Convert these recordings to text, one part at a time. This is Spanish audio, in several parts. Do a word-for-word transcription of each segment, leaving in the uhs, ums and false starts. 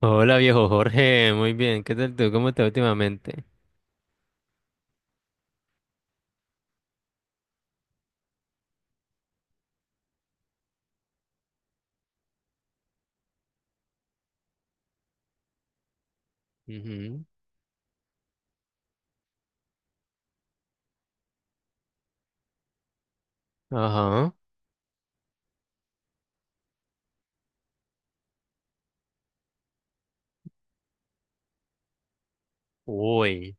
Hola viejo Jorge, muy bien, ¿qué tal tú? ¿Cómo estás últimamente? Ujú. Ajá. Uy.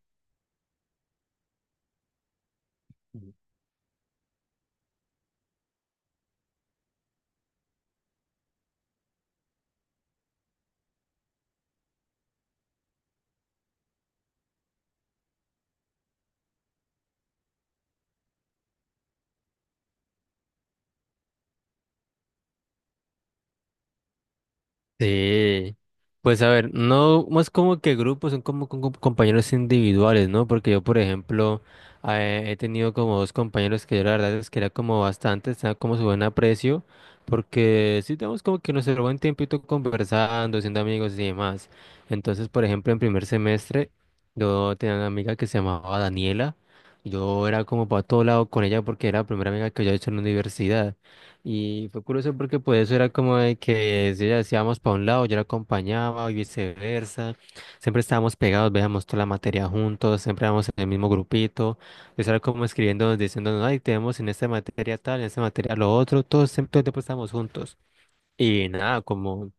Sí, pues a ver, no, no es como que grupos, son como, con- con compañeros individuales, ¿no? Porque yo, por ejemplo, eh, he tenido como dos compañeros que yo la verdad es que era como bastante, estaba como su buen aprecio, porque sí tenemos como que nuestro buen tiempito conversando, siendo amigos y demás. Entonces, por ejemplo, en primer semestre, yo tenía una amiga que se llamaba Daniela, yo era como para todo lado con ella porque era la primera amiga que yo he hecho en la universidad. Y fue curioso porque pues eso era como de que si ella decía vamos para un lado, yo la acompañaba y viceversa. Siempre estábamos pegados, veíamos toda la materia juntos, siempre éramos en el mismo grupito. Eso era como escribiendo, diciéndonos, ay, tenemos en esta materia tal, en esta materia lo otro, todos siempre todo el tiempo estábamos juntos. Y nada, como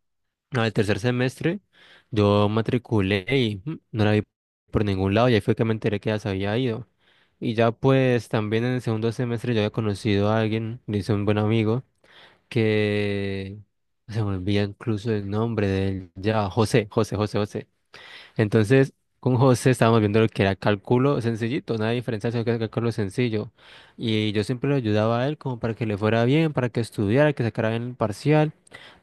al tercer semestre yo matriculé y mm, no la vi por ningún lado y ahí fue que me enteré que ya se había ido. Y ya pues también en el segundo semestre yo había conocido a alguien, le hice un buen amigo que se me olvida incluso el nombre de él, ya, José, José, José, José. Entonces, con José estábamos viendo lo que era cálculo sencillito, nada de diferencia, sino que era cálculo sencillo. Y yo siempre lo ayudaba a él como para que le fuera bien, para que estudiara, que sacara bien el parcial,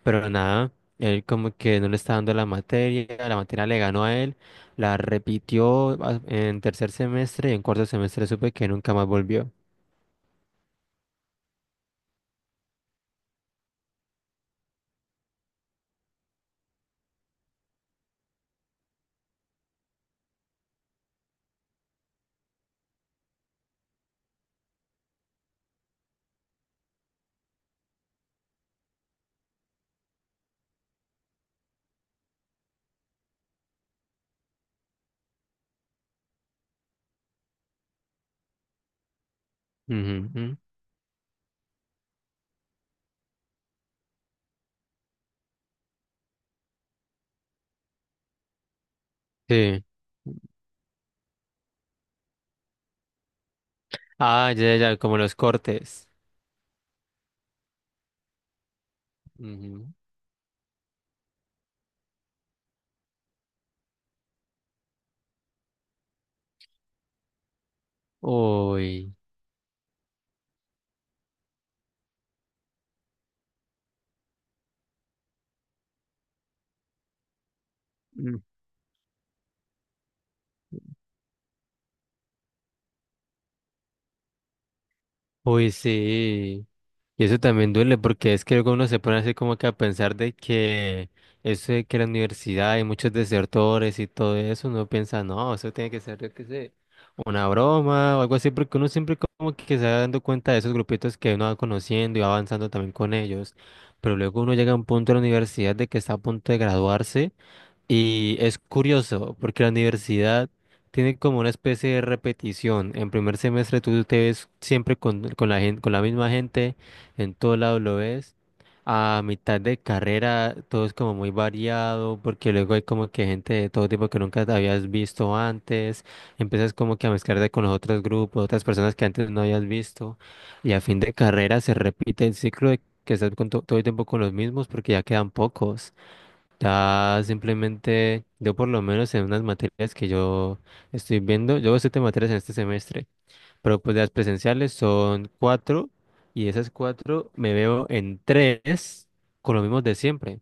pero nada, él como que no le estaba dando la materia, la materia le ganó a él, la repitió a- en tercer semestre y en cuarto semestre supe que nunca más volvió. Ujú, ujú. Sí. Ah, ya, ya, ya, como los cortes. Ujú. Uy. Mm. Uy, sí. Y eso también duele porque es que luego uno se pone así como que a pensar de que eso de que la universidad y muchos desertores y todo eso, uno piensa, no, eso tiene que ser, yo qué sé, una broma o algo así, porque uno siempre como que se va dando cuenta de esos grupitos que uno va conociendo y va avanzando también con ellos. Pero luego uno llega a un punto de la universidad de que está a punto de graduarse. Y es curioso porque la universidad tiene como una especie de repetición. En primer semestre tú te ves siempre con, con la gente, con la misma gente, en todo lado lo ves. A mitad de carrera todo es como muy variado porque luego hay como que gente de todo tipo que nunca te habías visto antes. Empiezas como que a mezclarte con los otros grupos, otras personas que antes no habías visto. Y a fin de carrera se repite el ciclo de que estás con to- todo el tiempo con los mismos porque ya quedan pocos. Ya simplemente, yo por lo menos en unas materias que yo estoy viendo, yo veo siete materias en este semestre, pero pues las presenciales son cuatro y esas cuatro me veo en tres con lo mismo de siempre.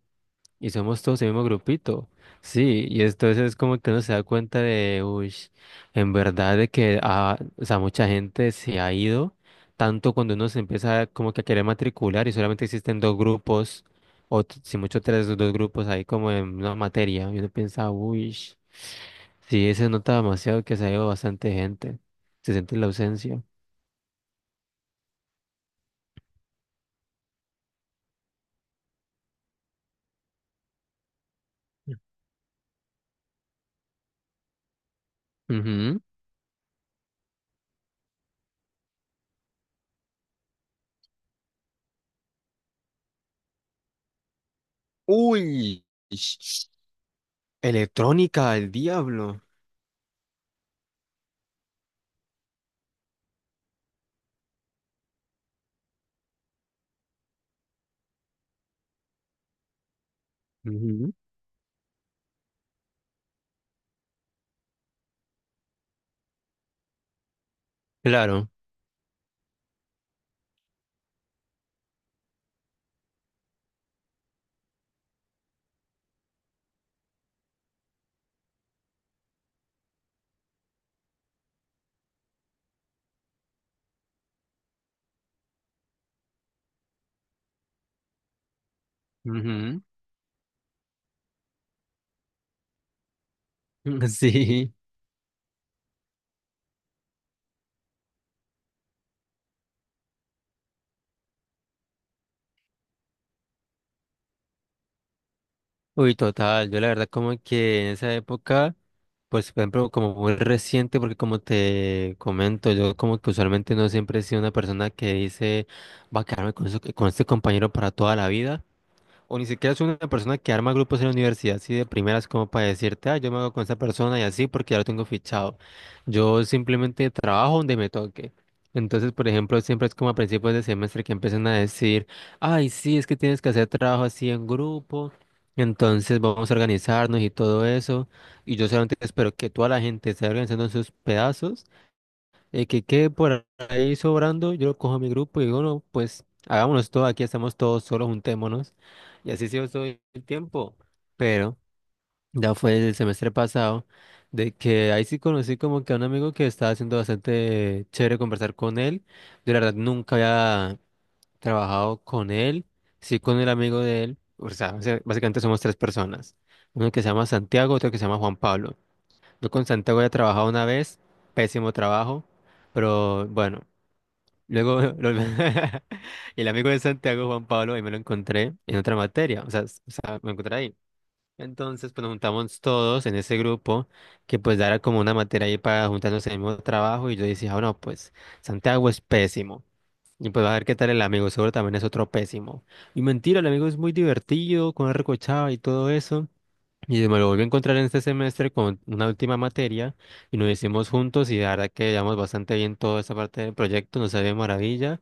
Y somos todos el mismo grupito. Sí, y entonces es como que uno se da cuenta de, uy, en verdad de que ah, o sea, mucha gente se ha ido, tanto cuando uno se empieza como que a querer matricular y solamente existen dos grupos, o t- si mucho tres, dos grupos ahí como en una materia. Y uno piensa, uy, sí, se nota demasiado que se ha ido bastante gente. Se siente la ausencia. Ujú. Uy, ish. Electrónica, el diablo. Ujú. Claro. Sí, uy, total. Yo la verdad como que en esa época, pues por ejemplo, como muy reciente, porque como te comento, yo como que usualmente no siempre he sido una persona que dice, va a quedarme con, eso- con este compañero para toda la vida. O ni siquiera es una persona que arma grupos en la universidad, así de primeras como para decirte, ah, yo me hago con esa persona y así porque ya lo tengo fichado. Yo simplemente trabajo donde me toque. Entonces, por ejemplo, siempre es como a principios de semestre que empiezan a decir, ay, sí, es que tienes que hacer trabajo así en grupo. Entonces vamos a organizarnos y todo eso. Y yo solamente espero que toda la gente se esté organizando en sus pedazos, el que quede por ahí sobrando, yo lo cojo a mi grupo y digo, no, pues hagámonos todo, aquí estamos todos solos, juntémonos. Y así se hizo todo el tiempo. Pero ya fue el semestre pasado, de que ahí sí conocí como que a un amigo que estaba haciendo bastante chévere conversar con él. Yo la verdad nunca había trabajado con él, sí con el amigo de él. O sea, básicamente somos tres personas. Uno que se llama Santiago, otro que se llama Juan Pablo. Yo con Santiago ya he trabajado una vez, pésimo trabajo, pero bueno, luego lo- el amigo de Santiago, Juan Pablo, ahí me lo encontré en otra materia, o sea, s- o sea, me encontré ahí. Entonces, pues nos juntamos todos en ese grupo, que pues era como una materia ahí para juntarnos en el mismo trabajo, y yo decía, ah, no, pues Santiago es pésimo. Y pues va a ver qué tal el amigo, seguro también es otro pésimo. Y mentira, el amigo es muy divertido, con recochado y todo eso. Y me lo volví a encontrar en este semestre con una última materia y nos hicimos juntos y la verdad que llevamos bastante bien toda esa parte del proyecto, nos salió de maravilla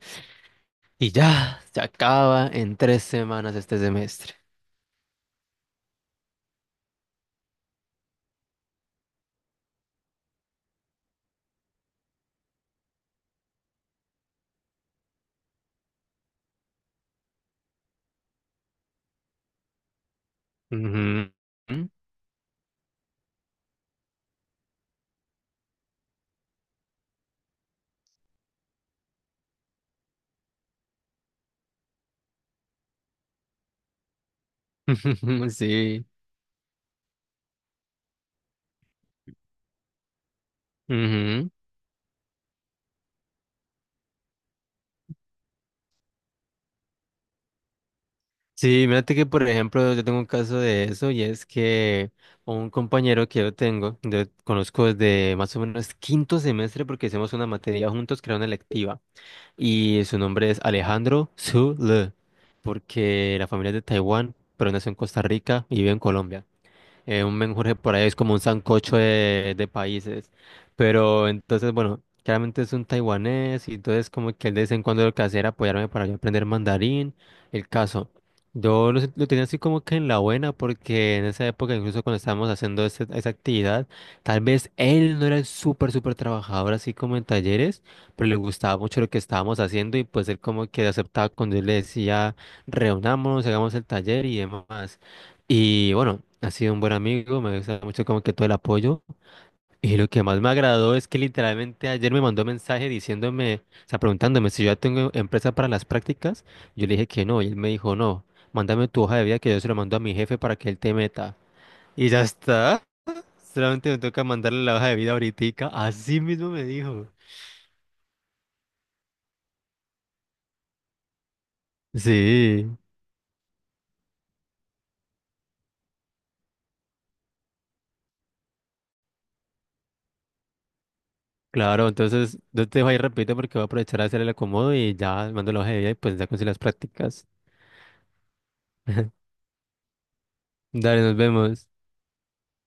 y ya se acaba en tres semanas este semestre. Ujú. Sí. Ujú. Sí, mírate que por ejemplo yo tengo un caso de eso y es que un compañero que yo tengo, yo conozco desde más o menos quinto semestre porque hicimos una materia juntos que era una electiva. Y su nombre es Alejandro Zhu Le, porque la familia es de Taiwán, pero nació en Costa Rica y vive en Colombia, eh, un menjurje por ahí es como un sancocho de, de países. Pero entonces, bueno, claramente es un taiwanés y entonces como que él de vez en cuando lo que hace era apoyarme para yo aprender mandarín. El caso, yo lo, se- lo tenía así como que en la buena porque en esa época, incluso cuando estábamos haciendo ese- esa actividad, tal vez él no era el súper, súper trabajador así como en talleres, pero le gustaba mucho lo que estábamos haciendo y pues él como que aceptaba cuando él le decía, reunámonos, hagamos el taller y demás. Y bueno, ha sido un buen amigo, me gusta mucho como que todo el apoyo. Y lo que más me agradó es que literalmente ayer me mandó mensaje diciéndome, o sea, preguntándome si yo ya tengo empresa para las prácticas. Yo le dije que no, y él me dijo, no, mándame tu hoja de vida que yo se lo mando a mi jefe para que él te meta. Y ya está, solamente me toca mandarle la hoja de vida ahoritica, así mismo me dijo. Sí, claro, entonces no te dejo ahí, repito, porque voy a aprovechar a hacer el acomodo y ya mando la hoja de vida y pues ya conseguí las prácticas. Dale, nos vemos.